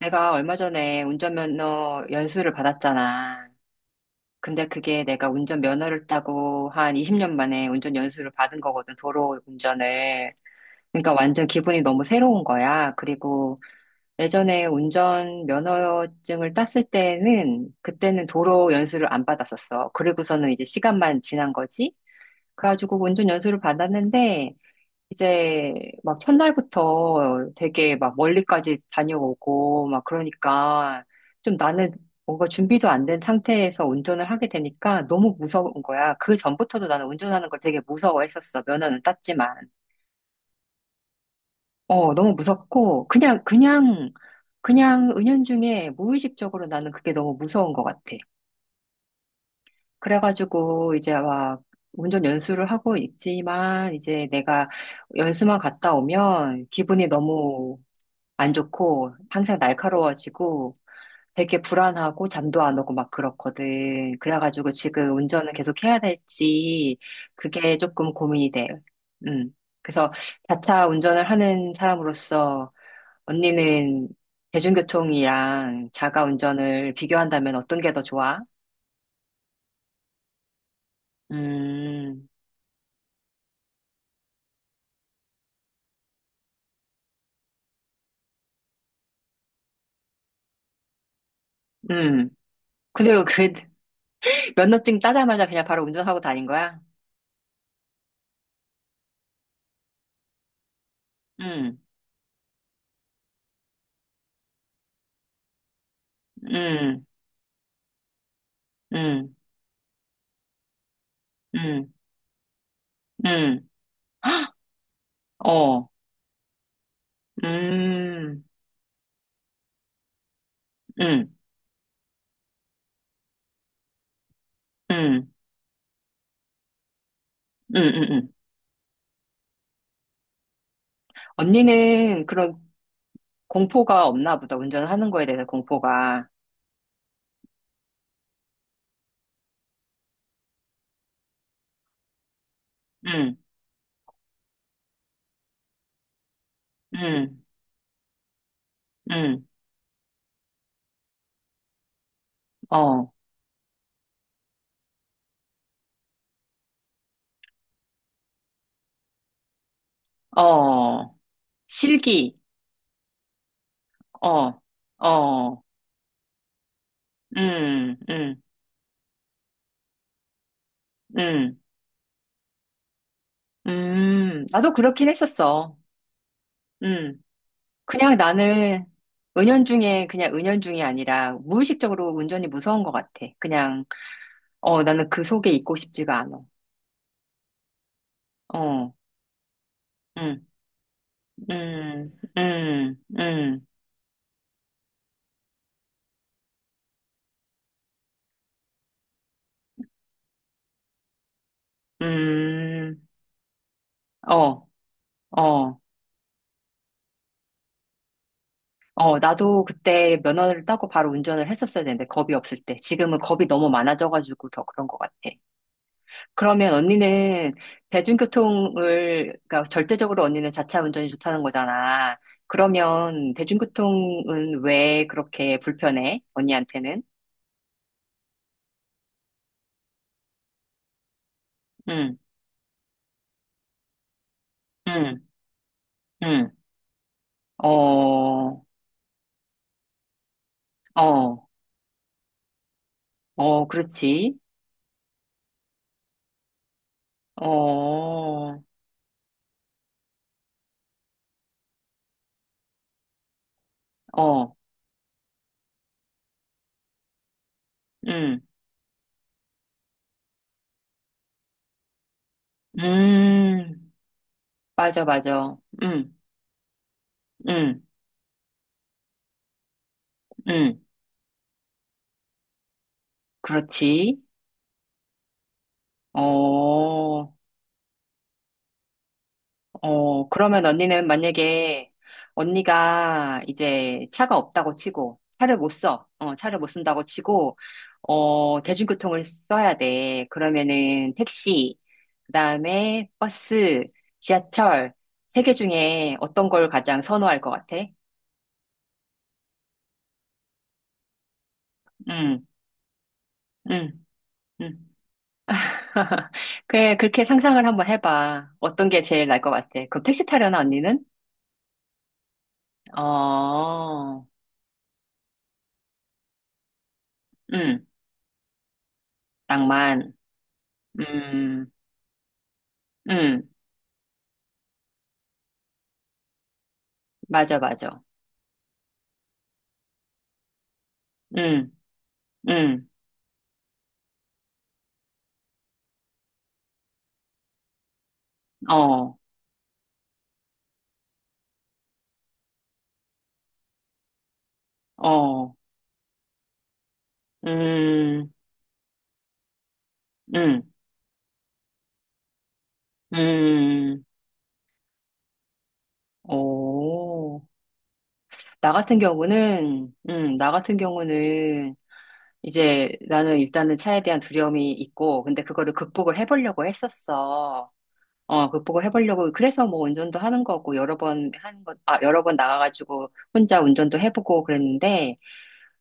내가 얼마 전에 운전면허 연수를 받았잖아. 근데 그게 내가 운전면허를 따고 한 20년 만에 운전 연수를 받은 거거든, 도로 운전을. 그러니까 완전 기분이 너무 새로운 거야. 그리고 예전에 운전면허증을 땄을 때는, 그때는 도로 연수를 안 받았었어. 그리고서는 이제 시간만 지난 거지? 그래가지고 운전 연수를 받았는데, 이제 막 첫날부터 되게 막 멀리까지 다녀오고 막 그러니까 좀 나는 뭔가 준비도 안 된 상태에서 운전을 하게 되니까 너무 무서운 거야. 그 전부터도 나는 운전하는 걸 되게 무서워했었어. 면허는 땄지만. 어, 너무 무섭고 그냥 은연중에 무의식적으로 나는 그게 너무 무서운 것 같아. 그래가지고 이제 막 운전 연수를 하고 있지만 이제 내가 연수만 갔다 오면 기분이 너무 안 좋고 항상 날카로워지고 되게 불안하고 잠도 안 오고 막 그렇거든. 그래가지고 지금 운전을 계속 해야 될지 그게 조금 고민이 돼. 음. 그래서 자차 운전을 하는 사람으로서 언니는 대중교통이랑 자가 운전을 비교한다면 어떤 게 더 좋아? 음, 음. 근데 그 면허증 따자마자 그냥 바로 운전하고 다닌 거야? 음, 음, 음, 음, 음. 어. 음, 음, 음, 음, 음, 음. 언니는 그런 공포가 없나 보다. 운전하는 거에 대해서 공포가. 음, 음, 음, 어, 어, 실기, 어, 어, 음, 음, 음, 나도 그렇긴 했었어. 음. 그냥 나는 은연중에, 그냥 은연중이 아니라 무의식적으로 운전이 무서운 것 같아. 그냥, 어, 나는 그 속에 있고 싶지가 않아. 어, 음. 음, 음, 음, 음, 음. 어, 어, 어, 나도 그때 면허를 따고 바로 운전을 했었어야 되는데, 겁이 없을 때. 지금은 겁이 너무 많아져가지고 더 그런 것 같아. 그러면 언니는 대중교통을, 그러니까 절대적으로 언니는 자차 운전이 좋다는 거잖아. 그러면 대중교통은 왜 그렇게 불편해? 언니한테는? 응, 응, 응. 어, 어, 어, 그렇지. 어, 어. 음, 음, 맞아, 맞아. 음, 음, 음, 그렇지. 어, 어, 그러면 언니는 만약에 언니가 이제 차가 없다고 치고, 차를 못 써. 어, 차를 못 쓴다고 치고, 어, 대중교통을 써야 돼. 그러면은 택시, 그다음에 버스, 지하철, 세 개 중에 어떤 걸 가장 선호할 것 같아? 음, 음, 음. 그래, 그렇게 상상을 한번 해봐. 어떤 게 제일 나을 것 같아? 그럼 택시 타려나, 언니는? 어, 음, 낭만. 음, 음, 맞아, 맞아. 음, 음, 어, 어, 음, 음, 음, 오. 나 같은 경우는, 이제 나는 일단은 차에 대한 두려움이 있고, 근데 그거를 극복을 해보려고 했었어. 어, 극복을 해보려고, 그래서 뭐 운전도 하는 거고, 여러 번 하는 것, 아, 여러 번 나가가지고 혼자 운전도 해보고 그랬는데,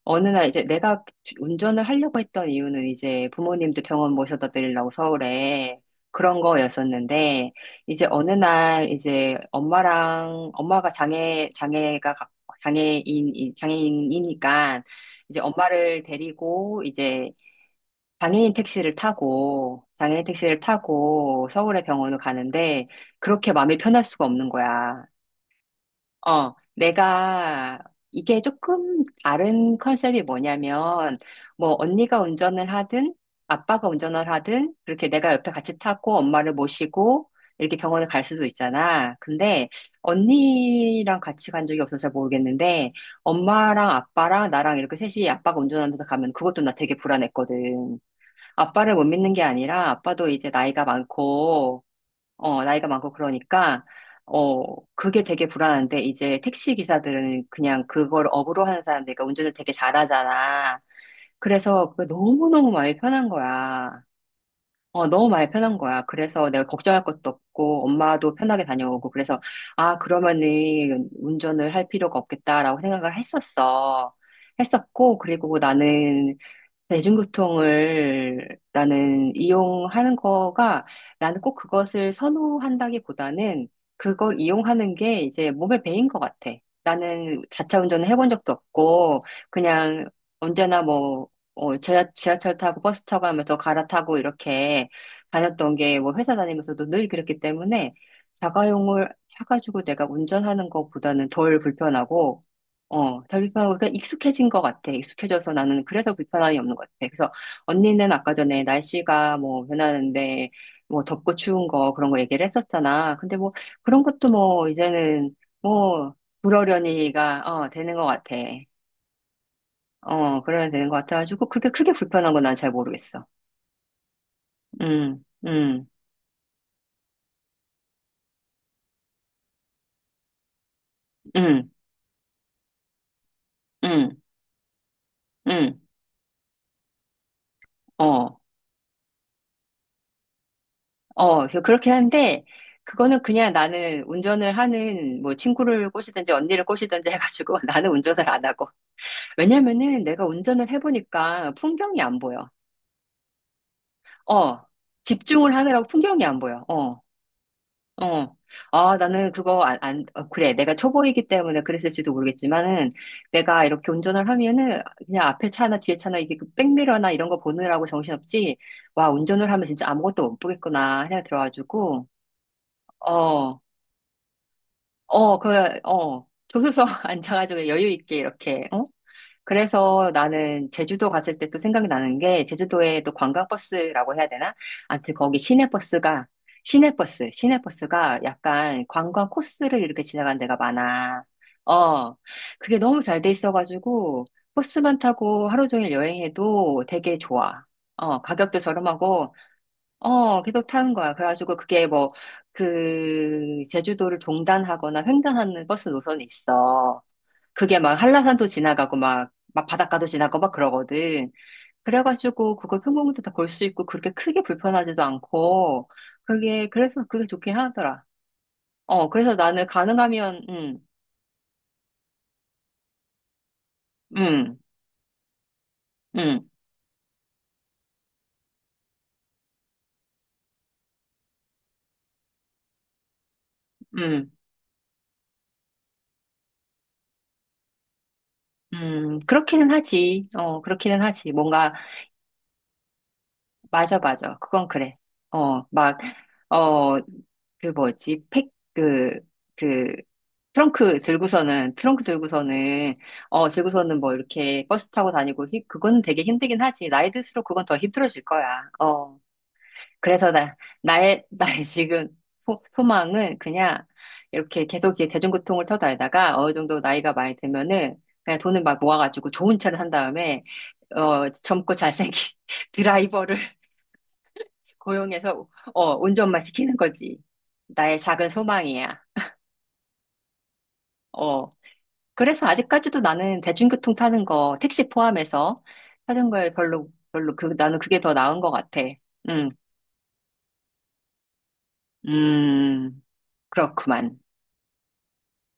어느 날 이제 내가 운전을 하려고 했던 이유는 이제 부모님도 병원 모셔다 드리려고 서울에 그런 거였었는데, 이제 어느 날 이제 엄마랑, 엄마가 장애인, 장애인이니까, 이제 엄마를 데리고 이제 장애인 택시를 타고, 장애인 택시를 타고 서울의 병원을 가는데, 그렇게 마음이 편할 수가 없는 거야. 어, 내가, 이게 조금 다른 컨셉이 뭐냐면, 뭐, 언니가 운전을 하든, 아빠가 운전을 하든, 그렇게 내가 옆에 같이 타고 엄마를 모시고, 이렇게 병원을 갈 수도 있잖아. 근데, 언니랑 같이 간 적이 없어서 잘 모르겠는데, 엄마랑 아빠랑 나랑 이렇게 셋이 아빠가 운전하면서 가면 그것도 나 되게 불안했거든. 아빠를 못 믿는 게 아니라 아빠도 이제 나이가 많고, 어, 나이가 많고 그러니까, 어, 그게 되게 불안한데 이제 택시 기사들은 그냥 그걸 업으로 하는 사람들, 그러니까 운전을 되게 잘하잖아. 그래서 그게 너무너무 마음이 편한 거야. 어, 너무 마음이 편한 거야. 그래서 내가 걱정할 것도 없고, 엄마도 편하게 다녀오고, 그래서, 아, 그러면은 운전을 할 필요가 없겠다라고 생각을 했었어. 했었고, 그리고 나는 대중교통을 나는 이용하는 거가 나는 꼭 그것을 선호한다기보다는 그걸 이용하는 게 이제 몸에 배인 것 같아. 나는 자차 운전을 해본 적도 없고 그냥 언제나 뭐 어, 지하철 타고 버스 타고 하면서 갈아타고 이렇게 다녔던 게 뭐 회사 다니면서도 늘 그랬기 때문에 자가용을 사가지고 내가 운전하는 것보다는 덜 불편하고 어, 다 불편하고, 그냥 익숙해진 것 같아. 익숙해져서 나는 그래서 불편함이 없는 것 같아. 그래서 언니는 아까 전에 날씨가 뭐 변하는데, 뭐 덥고 추운 거 그런 거 얘기를 했었잖아. 근데 뭐 그런 것도 뭐 이제는 뭐 그러려니가, 어, 되는 것 같아. 어, 그러면 되는 것 같아가지고, 그렇게 크게 불편한 건 난 잘 모르겠어. 음, 음, 음, 음, 음, 어. 어, 그래서 그렇게 하는데, 그거는 그냥 나는 운전을 하는, 뭐, 친구를 꼬시든지 언니를 꼬시든지 해가지고 나는 운전을 안 하고. 왜냐면은 내가 운전을 해보니까 풍경이 안 보여. 어, 집중을 하느라고 풍경이 안 보여. 어, 어. 아, 나는 그거 안, 어, 그래. 내가 초보이기 때문에 그랬을지도 모르겠지만은 내가 이렇게 운전을 하면은 그냥 앞에 차나 뒤에 차나 이게 그 백미러나 이런 거 보느라고 정신없지. 와, 운전을 하면 진짜 아무것도 못 보겠구나 생각 들어가지고. 어. 어, 그, 어, 조수석 앉아가지고 여유 있게 이렇게, 어? 그래서 나는 제주도 갔을 때 또 생각이 나는 게, 제주도에 또 관광버스라고 해야 되나? 아무튼 거기 시내버스가, 시내버스가 약간 관광 코스를 이렇게 지나가는 데가 많아. 어, 그게 너무 잘 돼 있어가지고, 버스만 타고 하루 종일 여행해도 되게 좋아. 어, 가격도 저렴하고, 어, 계속 타는 거야. 그래가지고 그게 뭐, 그, 제주도를 종단하거나 횡단하는 버스 노선이 있어. 그게 막 한라산도 지나가고 막, 막 바닷가도 지나고 막 그러거든. 그래가지고 그거 평범도 다 볼 수 있고 그렇게 크게 불편하지도 않고, 그게, 그래서 그게 좋긴 하더라. 어, 그래서 나는 가능하면, 음, 음, 음, 그렇기는 하지. 어, 그렇기는 하지. 뭔가 맞아, 맞아. 그건 그래. 어, 막, 어, 그 뭐지, 팩, 그, 그, 트렁크 들고서는, 어, 들고서는 뭐 이렇게 버스 타고 다니고, 그건 되게 힘들긴 하지. 나이 들수록 그건 더 힘들어질 거야. 어, 그래서 나의, 나의 지금 소망은 그냥 이렇게 계속 이렇게 대중교통을 타고 다니다가 어느 정도 나이가 많이 들면은 그냥 돈을 막 모아가지고 좋은 차를 산 다음에, 어, 젊고 잘생긴 드라이버를 고용해서 어, 운전만 시키는 거지. 나의 작은 소망이야. 어. 그래서 아직까지도 나는 대중교통 타는 거, 택시 포함해서 타는 거에 별로, 그, 나는 그게 더 나은 것 같아. 음, 음, 그렇구만.